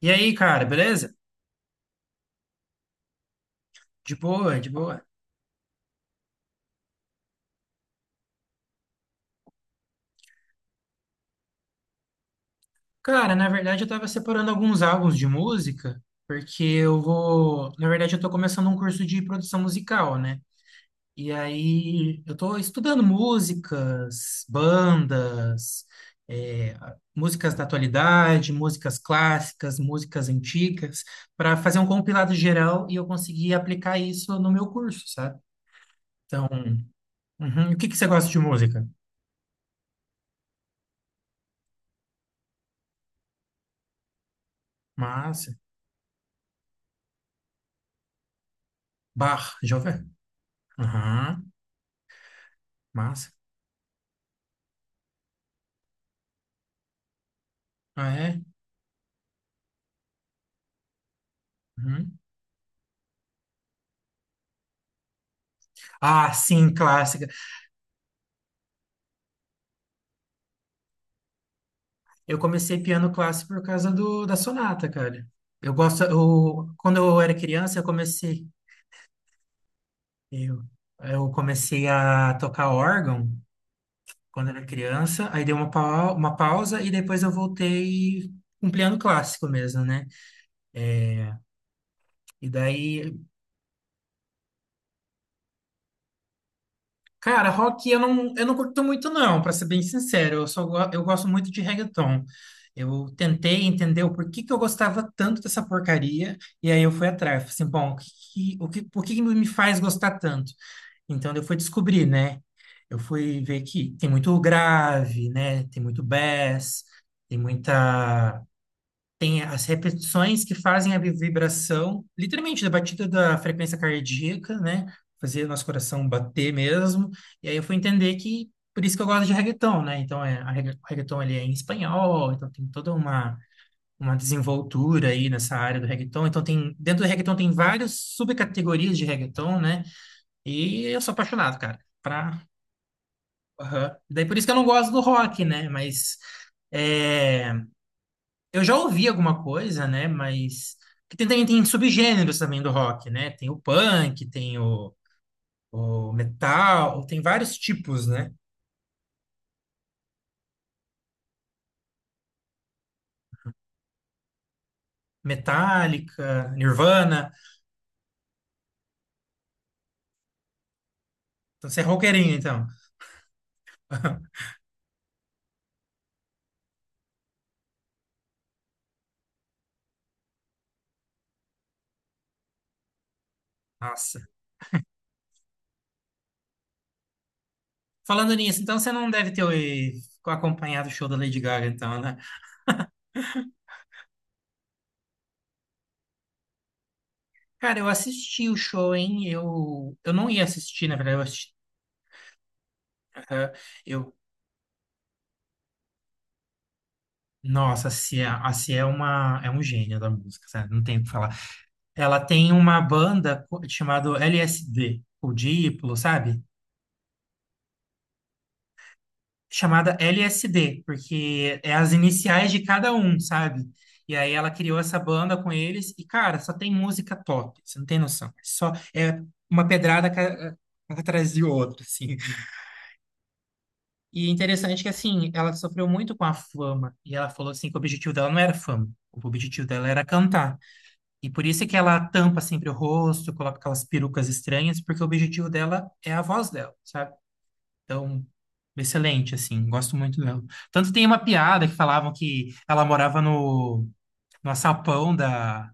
E aí, cara, beleza? De boa, de boa. Cara, na verdade eu tava separando alguns álbuns de música, porque eu vou. Na verdade, eu tô começando um curso de produção musical, né? E aí eu tô estudando músicas, bandas, é, músicas da atualidade, músicas clássicas, músicas antigas, para fazer um compilado geral e eu conseguir aplicar isso no meu curso, sabe? Então, uhum. E o que que você gosta de música? Massa. Bach, já ouviu? Aham. Massa. Ah, é? Uhum. Ah, sim, clássica. Eu comecei piano clássico por causa do, da sonata, cara. Eu gosto, eu, quando eu era criança, eu comecei, eu, eu comecei a tocar órgão quando era criança, aí dei uma pausa e depois eu voltei com piano clássico mesmo, né? E daí cara, rock eu não curto muito não, pra ser bem sincero. Eu gosto muito de reggaeton. Eu tentei entender o porquê que eu gostava tanto dessa porcaria e aí eu fui atrás. Falei assim, bom, o que, que- o que, por que que me faz gostar tanto? Então eu fui descobrir, né? Eu fui ver que tem muito grave, né? Tem muito bass, tem muita tem as repetições que fazem a vibração, literalmente, da batida da frequência cardíaca, né? Fazer nosso coração bater mesmo. E aí eu fui entender que, por isso que eu gosto de reggaeton, né? Então, o reggaeton, ele é em espanhol, então tem toda uma desenvoltura aí nessa área do reggaeton. Então, dentro do reggaeton tem várias subcategorias de reggaeton, né? E eu sou apaixonado, cara. Aham. Daí, por isso que eu não gosto do rock, né? Mas... É, eu já ouvi alguma coisa, né? Mas que tem subgêneros também do rock, né? Tem o punk, tem o metal, tem vários tipos, né? Metallica, Nirvana. Então você é roqueirinho, então. Nossa. Falando nisso, então você não deve ter acompanhado o show da Lady Gaga, então, né? Cara, eu assisti o show, hein? Eu não ia assistir, na verdade, eu, assisti- eh, eu- nossa, a Cia é é um gênio da música, sabe? Não tem o que falar. Ela tem uma banda chamada LSD, o Diplo, sabe? Chamada LSD, porque é as iniciais de cada um, sabe? E aí ela criou essa banda com eles e, cara, só tem música top, você não tem noção. É. Só é uma pedrada atrás de outra, assim. E é interessante que, assim, ela sofreu muito com a fama e ela falou, assim, que o objetivo dela não era fama, o objetivo dela era cantar. E por isso é que ela tampa sempre o rosto, coloca aquelas perucas estranhas, porque o objetivo dela é a voz dela, sabe? Então, excelente, assim, gosto muito dela. Tanto tem uma piada que falavam que ela morava no açapão da,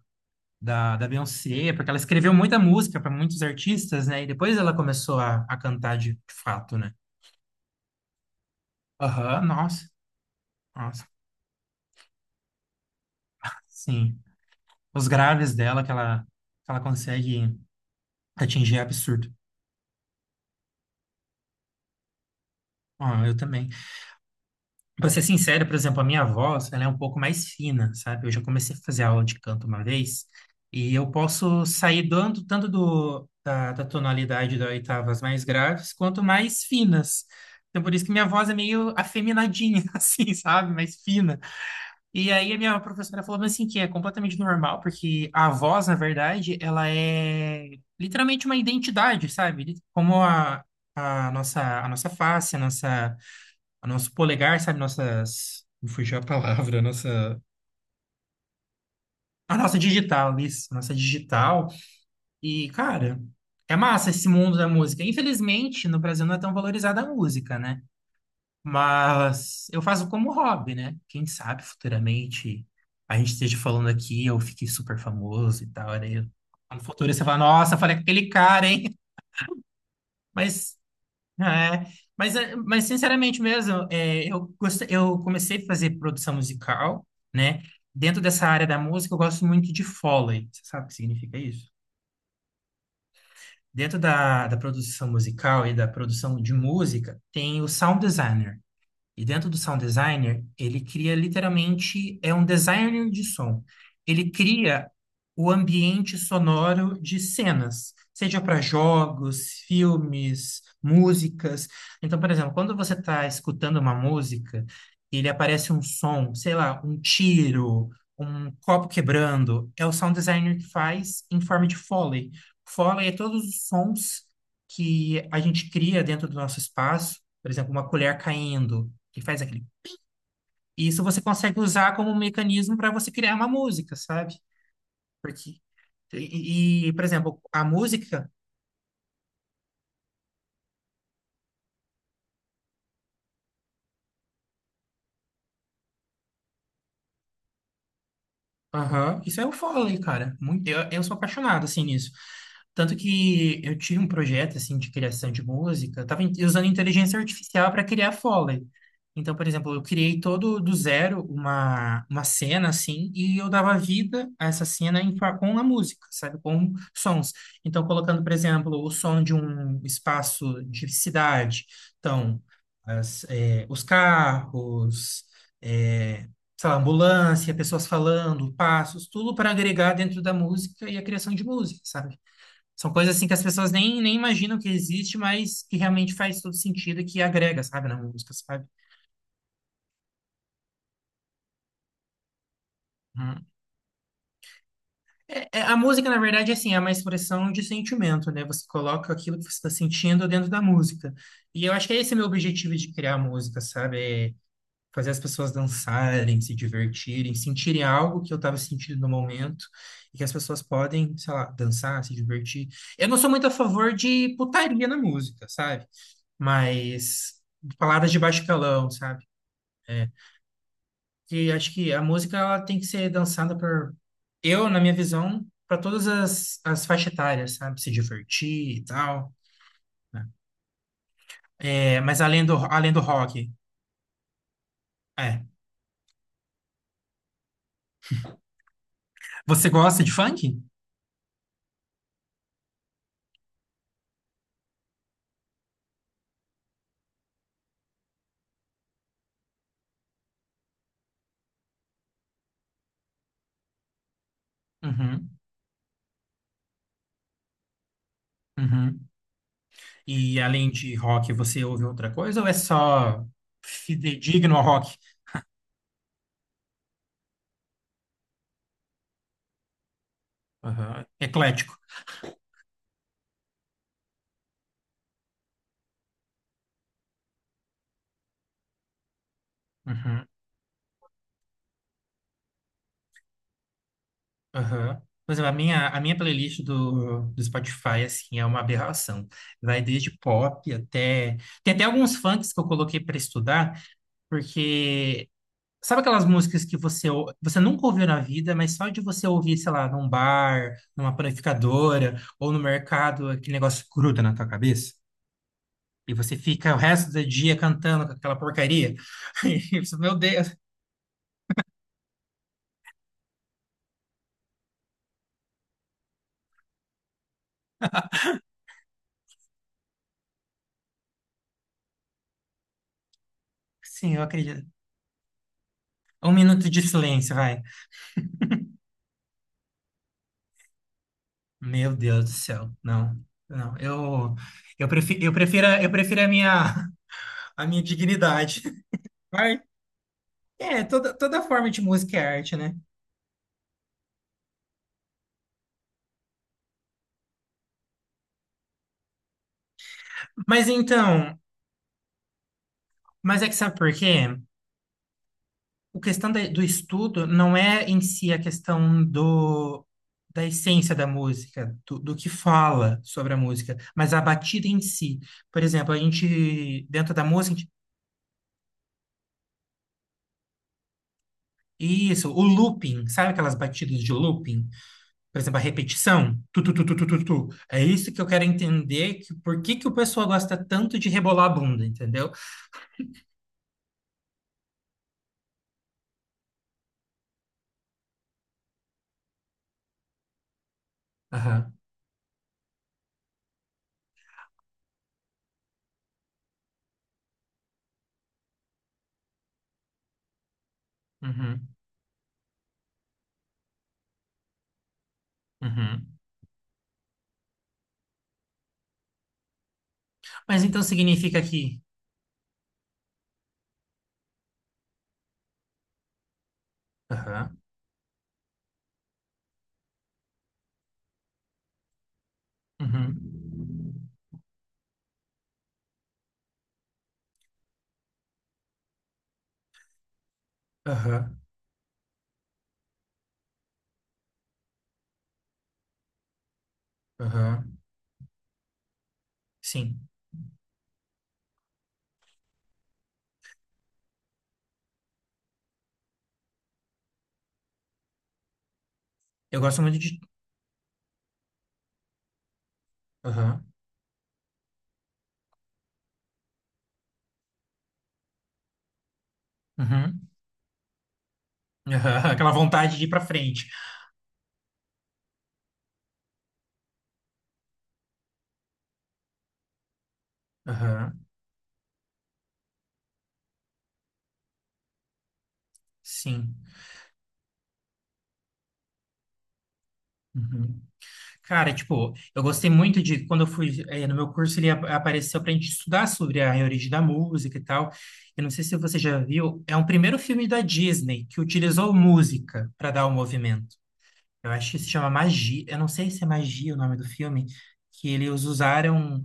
da, da Beyoncé, porque ela escreveu muita música para muitos artistas, né? E depois ela começou a cantar de fato, né? Aham, nossa, nossa, sim. Os graves dela que ela consegue atingir é absurdo. Ah, eu também. Pra ser sincero, por exemplo, a minha voz, ela é um pouco mais fina, sabe? Eu já comecei a fazer aula de canto uma vez e eu posso sair dando tanto do, da tonalidade das oitavas mais graves quanto mais finas. Então, por isso que minha voz é meio afeminadinha, assim, sabe? Mais fina. E aí a minha professora falou assim que é completamente normal, porque a voz, na verdade, ela é literalmente uma identidade, sabe? Como a nossa face, a nossa o nosso polegar, sabe? Nossas. Me fugiu a palavra, a nossa. A nossa digital, isso, a nossa digital. E, cara, é massa esse mundo da música. Infelizmente, no Brasil não é tão valorizada a música, né? Mas eu faço como hobby, né? Quem sabe futuramente a gente esteja falando aqui, eu fiquei super famoso e tal. Aí, no futuro você fala, nossa, falei com aquele cara, hein? Mas É, mas sinceramente mesmo, eu comecei a fazer produção musical, né? Dentro dessa área da música, eu gosto muito de Foley. Você sabe o que significa isso? Dentro da produção musical e da produção de música, tem o sound designer. E dentro do sound designer, ele cria literalmente, é um designer de som. Ele cria o ambiente sonoro de cenas, seja para jogos, filmes, músicas. Então, por exemplo, quando você está escutando uma música, ele aparece um som, sei lá, um tiro, um copo quebrando, é o sound designer que faz em forma de Foley. Foley é todos os sons que a gente cria dentro do nosso espaço, por exemplo, uma colher caindo que faz aquele. E isso você consegue usar como um mecanismo para você criar uma música, sabe? Porque por exemplo, a música aham, isso é o Foley, cara. Eu sou apaixonado, assim, nisso. Tanto que eu tive um projeto, assim, de criação de música. Eu tava usando inteligência artificial para criar Foley. Então, por exemplo, eu criei todo do zero uma cena, assim, e eu dava vida a essa cena com a música, sabe? Com sons. Então, colocando, por exemplo, o som de um espaço de cidade. Então, os carros... é, sei lá, ambulância, pessoas falando, passos, tudo para agregar dentro da música e a criação de música, sabe? São coisas assim que as pessoas nem imaginam que existe, mas que realmente faz todo sentido e que agrega, sabe, na música, sabe? Hum. A música, na verdade, é uma expressão de sentimento, né? Você coloca aquilo que você está sentindo dentro da música. E eu acho que é esse meu objetivo de criar música, sabe? É fazer as pessoas dançarem, se divertirem, sentirem algo que eu estava sentindo no momento, e que as pessoas podem, sei lá, dançar, se divertir. Eu não sou muito a favor de putaria na música, sabe? Mas palavras de baixo calão, sabe? É. E acho que a música ela tem que ser dançada eu, na minha visão, para todas as faixas etárias, sabe? Se divertir e tal. É, mas além do rock. É. Você gosta de funk? Uhum, uhum. E além de rock, você ouve outra coisa ou é só fidedigno ao rock? Aham. Eclético. Uhum. Aham. Por exemplo, a minha playlist do Spotify, assim, é uma aberração. Vai desde pop até... Tem até alguns funks que eu coloquei para estudar, porque... Sabe aquelas músicas que você nunca ouviu na vida, mas só de você ouvir, sei lá, num bar, numa panificadora ou no mercado, aquele negócio gruda na tua cabeça? E você fica o resto do dia cantando com aquela porcaria. E você, meu Deus, sim, eu acredito. Um minuto de silêncio, vai. Meu Deus do céu, não, não. Eu prefiro a minha dignidade. Vai. É, toda forma de música é arte, né? Mas então, mas é que sabe por quê? O questão do estudo não é em si a questão do, da essência da música, do que fala sobre a música, mas a batida em si. Por exemplo, a gente, dentro da música, a gente- isso, o looping, sabe aquelas batidas de looping? Por exemplo, a repetição, tu, tu, tu, tu, tu, tu, tu. É isso que eu quero entender, que, por que que o pessoal gosta tanto de rebolar a bunda, entendeu? Aham, uhum, uhum. Mas então significa que... Aham, uhum, aham, aham. Sim. Eu gosto muito de. Aham. Uhum. Aham. Aquela vontade de ir pra frente. Aham. Sim. Uhum. Cara, tipo, eu gostei muito de quando eu fui no meu curso, ele apareceu pra gente estudar sobre a origem da música e tal. Eu não sei se você já viu, é um primeiro filme da Disney que utilizou música para dar o movimento. Eu acho que se chama Magia. Eu não sei se é Magia o nome do filme, que eles usaram.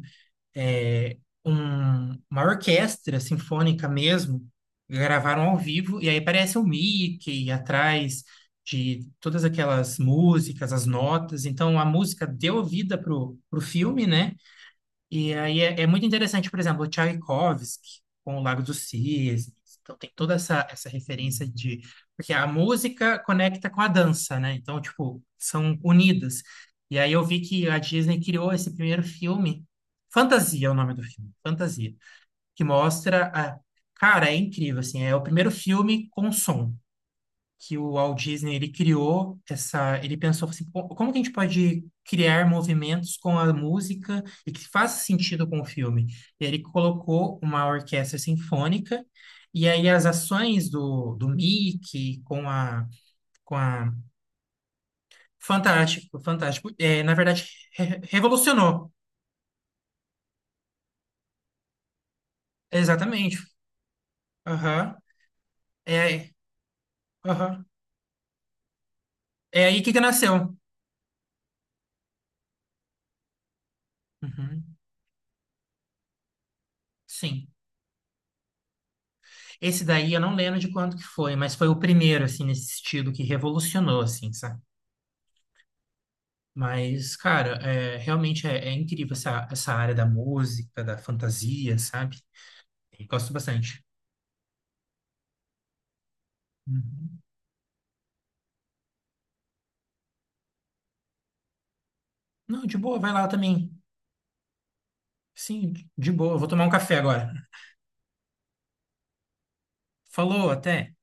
é, uma orquestra sinfônica mesmo, gravaram ao vivo, e aí aparece o Mickey atrás de todas aquelas músicas, as notas, então a música deu vida pro filme, né? E aí é muito interessante, por exemplo, o Tchaikovsky com o Lago dos Cisnes. Então tem toda essa referência de... Porque a música conecta com a dança, né? Então, tipo, são unidas. E aí eu vi que a Disney criou esse primeiro filme, Fantasia é o nome do filme, Fantasia, que mostra a... Cara, é incrível, assim, é o primeiro filme com som que o Walt Disney ele criou essa, ele pensou assim, Como que a gente pode criar movimentos com a música e que faça sentido com o filme? E aí ele colocou uma orquestra sinfônica e aí as ações do Mickey com a fantástico, na verdade revolucionou. Exatamente. Aham. É, aham. É aí que nasceu. Uhum. Sim. Esse daí eu não lembro de quanto que foi, mas foi o primeiro, assim, nesse sentido, que revolucionou, assim, sabe? Mas, cara, realmente é incrível essa área da música, da fantasia, sabe? Eu gosto bastante. Uhum. Não, de boa, vai lá também. Sim, de boa, vou tomar um café agora. Falou, até.